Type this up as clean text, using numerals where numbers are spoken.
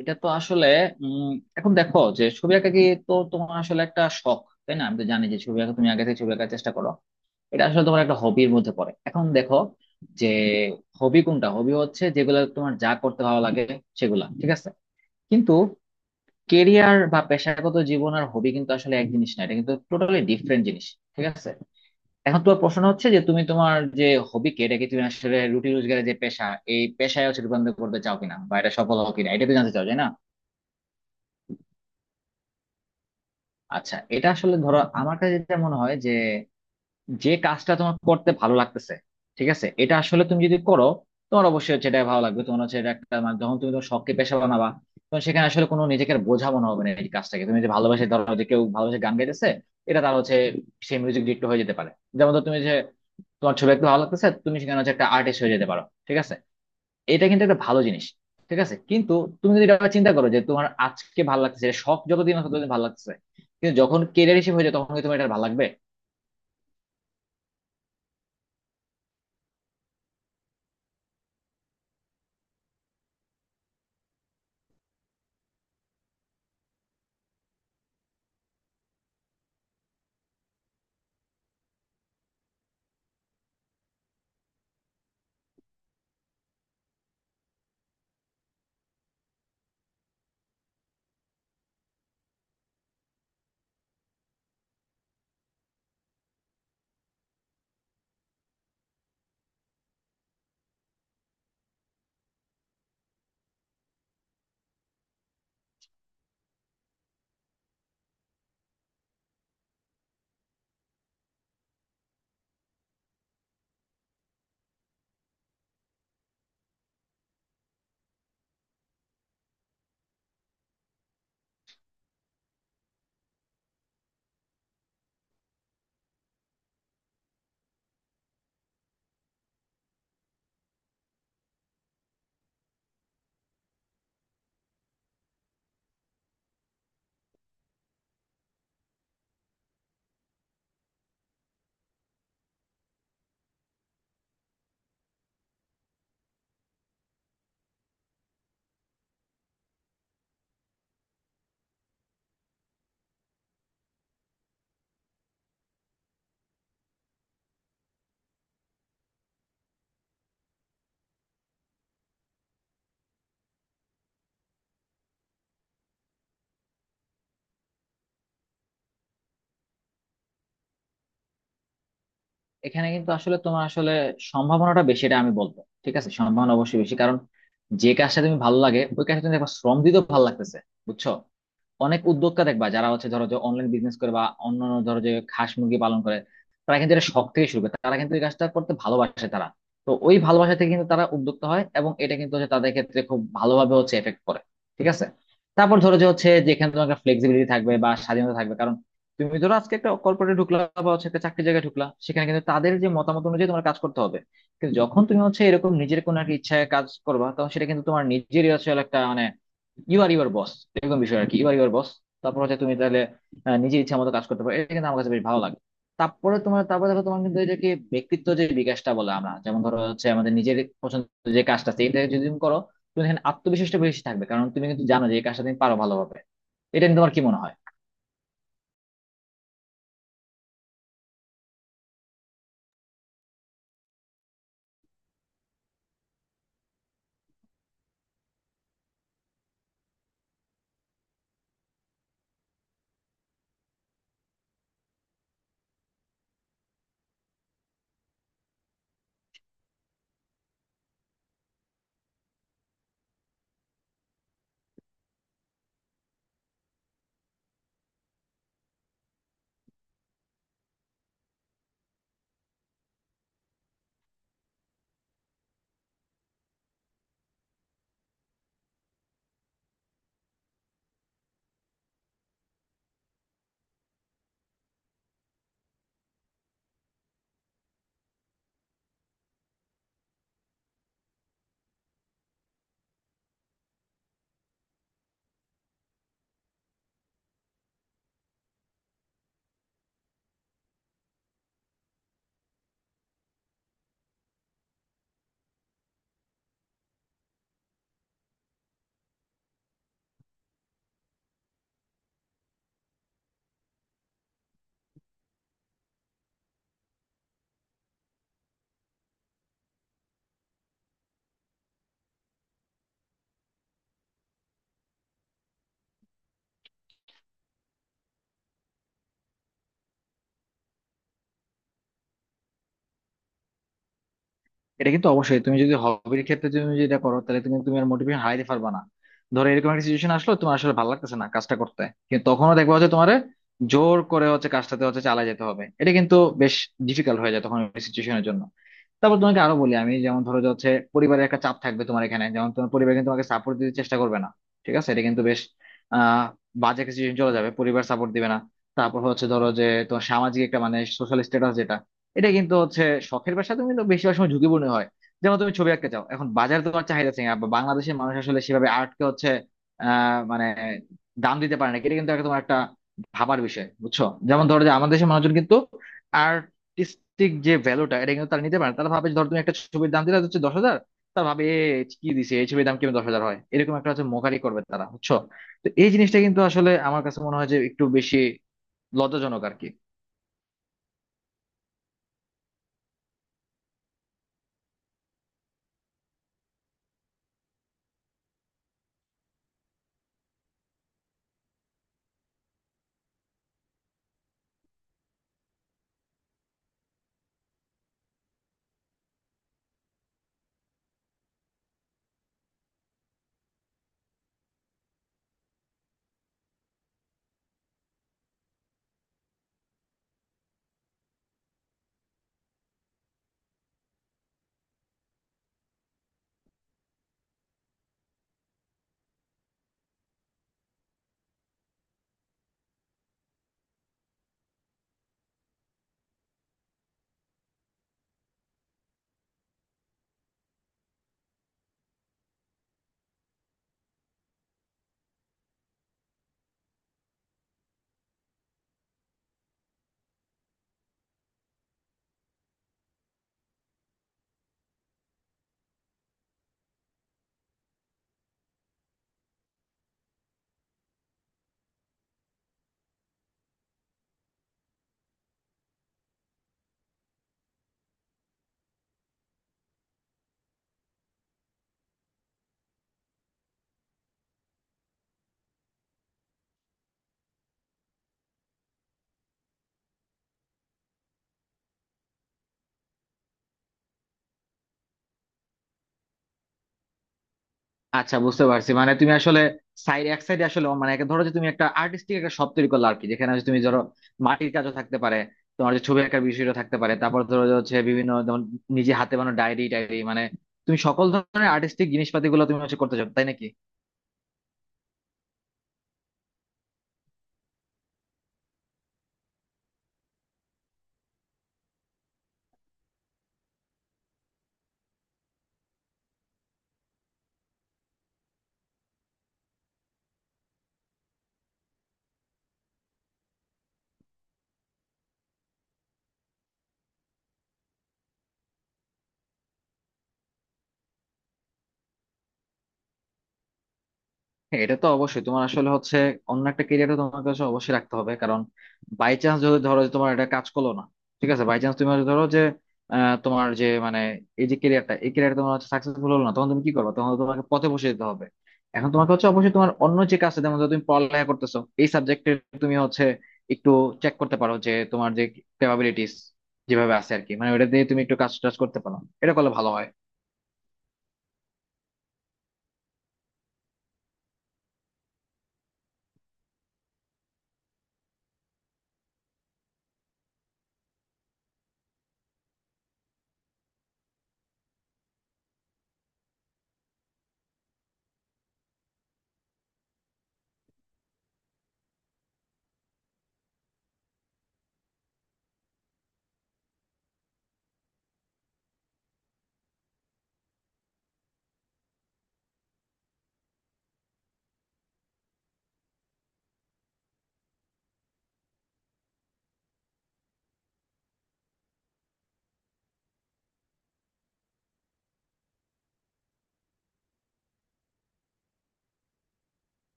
এটা তো আসলে উম এখন দেখো যে ছবি আঁকা কি? তো তোমার আসলে একটা শখ, তাই না? আমি তো জানি যে ছবি আঁকা তুমি আগে থেকে ছবি আঁকার চেষ্টা করো। এটা আসলে তোমার একটা হবির মধ্যে পড়ে। এখন দেখো যে হবি, কোনটা হবি? হচ্ছে যেগুলো তোমার যা করতে ভালো লাগে সেগুলা, ঠিক আছে। কিন্তু কেরিয়ার বা পেশাগত জীবন আর হবি কিন্তু আসলে এক জিনিস না, এটা কিন্তু টোটালি ডিফারেন্ট জিনিস, ঠিক আছে। এখন তোমার প্রশ্ন হচ্ছে যে তুমি তোমার যে হবিকে, এটাকে তুমি আসলে রুটি রোজগারের যে পেশা, এই পেশায় হচ্ছে রূপান্তর করতে চাও কিনা বা এটা সফল হও কিনা, এটা তো জানতে চাও, তাই না? আচ্ছা, এটা আসলে ধরো আমার কাছে যেটা মনে হয় যে যে কাজটা তোমার করতে ভালো লাগতেছে, ঠিক আছে, এটা আসলে তুমি যদি করো, তোমার অবশ্যই হচ্ছে এটা ভালো লাগবে। তোমার হচ্ছে এটা একটা মানে যখন তুমি তোমার শখকে পেশা বানাবা, তখন সেখানে আসলে কোনো নিজেকে আর বোঝা মনে হবে না এই কাজটাকে। তুমি যে ভালোবাসে, ধরো যে কেউ ভালোবাসে গান গাইতেছে, এটা তার হচ্ছে সেই মিউজিক ডিরেক্টর হয়ে যেতে পারে। যেমন ধর, তুমি যে তোমার ছবি একটু ভালো লাগতেছে, তুমি সেখানে হচ্ছে একটা আর্টিস্ট হয়ে যেতে পারো, ঠিক আছে। এটা কিন্তু একটা ভালো জিনিস, ঠিক আছে। কিন্তু তুমি যদি এটা চিন্তা করো যে তোমার আজকে ভালো লাগছে, এটা শখ, যতদিন আছে ততদিন ভালো লাগছে, কিন্তু যখন কেরিয়ার হিসেবে হয়ে যায় তখন কি তোমার এটা ভালো লাগবে? এখানে কিন্তু আসলে তোমার আসলে সম্ভাবনাটা বেশি, এটা আমি বলবো। ঠিক আছে, সম্ভাবনা অবশ্যই বেশি, কারণ যে কাজটা তুমি ভালো লাগে ওই কাজটা তুমি একবার শ্রম দিতেও ভালো লাগতেছে, বুঝছো। অনেক উদ্যোক্তা দেখবা যারা হচ্ছে ধরো যে অনলাইন বিজনেস করে বা অন্যান্য, ধরো যে হাঁস মুরগি পালন করে, তারা কিন্তু এটা শখ থেকে শুরু করে, তারা কিন্তু এই কাজটা করতে ভালোবাসে তারা। তো ওই ভালোবাসা থেকে কিন্তু তারা উদ্যোক্তা হয়, এবং এটা কিন্তু হচ্ছে তাদের ক্ষেত্রে খুব ভালোভাবে হচ্ছে এফেক্ট করে, ঠিক আছে। তারপর ধরো যে হচ্ছে যেখানে তোমার একটা ফ্লেক্সিবিলিটি থাকবে বা স্বাধীনতা থাকবে, কারণ তুমি ধরো আজকে একটা কর্পোরেটে ঢুকলা বা হচ্ছে একটা চাকরি জায়গায় ঢুকলা, সেখানে কিন্তু তাদের যে মতামত অনুযায়ী তোমার কাজ করতে হবে। কিন্তু যখন তুমি হচ্ছে এরকম নিজের কোনো একটা ইচ্ছায় কাজ করবা, তখন সেটা কিন্তু তোমার নিজেরই আসলে একটা মানে ইউ আর ইউর বস, এরকম বিষয় আর কি, ইউ আর ইউর বস। তারপর হচ্ছে তুমি তাহলে নিজের ইচ্ছা মতো কাজ করতে পারো, এটা কিন্তু আমার কাছে বেশ ভালো লাগে। তারপরে তোমার, তারপরে দেখো তোমার কিন্তু এটাকে ব্যক্তিত্ব যে বিকাশটা বলে আমরা, যেমন ধরো হচ্ছে আমাদের নিজের পছন্দের যে কাজটা আছে এটা যদি তুমি করো, তুমি এখানে আত্মবিশ্বাসটা বেশি থাকবে, কারণ তুমি কিন্তু জানো যে এই কাজটা তুমি পারো ভালোভাবে। এটা নিয়ে তোমার কি মনে হয়? এটা কিন্তু অবশ্যই তুমি যদি হবির ক্ষেত্রে তুমি যেটা করো, তাহলে তুমি তুমি আর মোটিভেশন হারাইতে পারবা না। ধরো এরকম একটা সিচুয়েশন আসলো, তোমার আসলে ভালো লাগতেছে না কাজটা করতে, কিন্তু তখনও দেখবা হচ্ছে তোমার জোর করে হচ্ছে কাজটাতে হচ্ছে চালা যেতে হবে, এটা কিন্তু বেশ ডিফিকাল্ট হয়ে যায় তখন সিচুয়েশনের জন্য। তারপর তোমাকে আরো বলি আমি, যেমন ধরো যে হচ্ছে পরিবারের একটা চাপ থাকবে তোমার এখানে, যেমন তোমার পরিবার কিন্তু তোমাকে সাপোর্ট দিতে চেষ্টা করবে না, ঠিক আছে। এটা কিন্তু বেশ আহ বাজে একটা সিচুয়েশন চলে যাবে, পরিবার সাপোর্ট দিবে না। তারপর হচ্ছে ধরো যে তোমার সামাজিক একটা মানে সোশ্যাল স্ট্যাটাস যেটা, এটা কিন্তু হচ্ছে শখের পেশা, তুমি কিন্তু বেশিরভাগ সময় ঝুঁকিপূর্ণ হয়। যেমন তুমি ছবি আঁকতে চাও, এখন বাজারে তোমার চাহিদা আছে না, বা বাংলাদেশের মানুষ আসলে সেভাবে আর্টকে হচ্ছে মানে দাম দিতে পারে না, এটা কিন্তু একটা তোমার একটা ভাবার বিষয়, বুঝছো। যেমন ধরো যে আমাদের দেশের মানুষজন কিন্তু আর্টিস্টিক যে ভ্যালুটা এটা কিন্তু তারা নিতে পারে না। তারা ভাবে যে ধর তুমি একটা ছবির দাম দিলে হচ্ছে 10,000, তারা ভাবে, এ, কি দিছে এই ছবির, দাম কেমন 10,000 হয়, এরকম একটা হচ্ছে মোকারি করবে তারা, বুঝছো। তো এই জিনিসটা কিন্তু আসলে আমার কাছে মনে হয় যে একটু বেশি লজ্জাজনক আর কি। আচ্ছা, বুঝতে পারছি, মানে তুমি আসলে সাইড, এক সাইডে আসলে মানে একে ধরো যে তুমি একটা আর্টিস্টিক একটা শপ তৈরি করলে আর কি, যেখানে হচ্ছে তুমি ধরো মাটির কাজও থাকতে পারে, তোমার যে ছবি আঁকার বিষয়টা থাকতে পারে, তারপর ধরো যে হচ্ছে বিভিন্ন, যেমন নিজে হাতে বানানো ডায়েরি টায়েরি, মানে তুমি সকল ধরনের আর্টিস্টিক জিনিসপাতি গুলো তুমি হচ্ছে করতে চাও তাই নাকি? হ্যাঁ, এটা তো অবশ্যই তোমার আসলে হচ্ছে অন্য একটা কেরিয়ার তোমার কাছে অবশ্যই রাখতে হবে, কারণ বাই চান্স যদি ধরো যে তোমার এটা কাজ করলো না, ঠিক আছে, বাই চান্স তুমি হয়তো ধরো যে তোমার যে মানে এই যে কেরিয়ারটা, এই কেরিয়ারটা তোমার হচ্ছে সাকসেসফুল হলো না, তখন তুমি কি করবে? তখন তো তোমাকে পথে বসে যেতে হবে। এখন তোমাকে হচ্ছে অবশ্যই তোমার অন্য যে কাজটা, যেমন ধরো তুমি পড়ালেখা করতেছো এই সাবজেক্টে, তুমি হচ্ছে একটু চেক করতে পারো যে তোমার যে ক্যাপাবিলিটিস যেভাবে আছে আর কি, মানে ওটা দিয়ে তুমি একটু কাজ টাজ করতে পারো, এটা করলে ভালো হয়।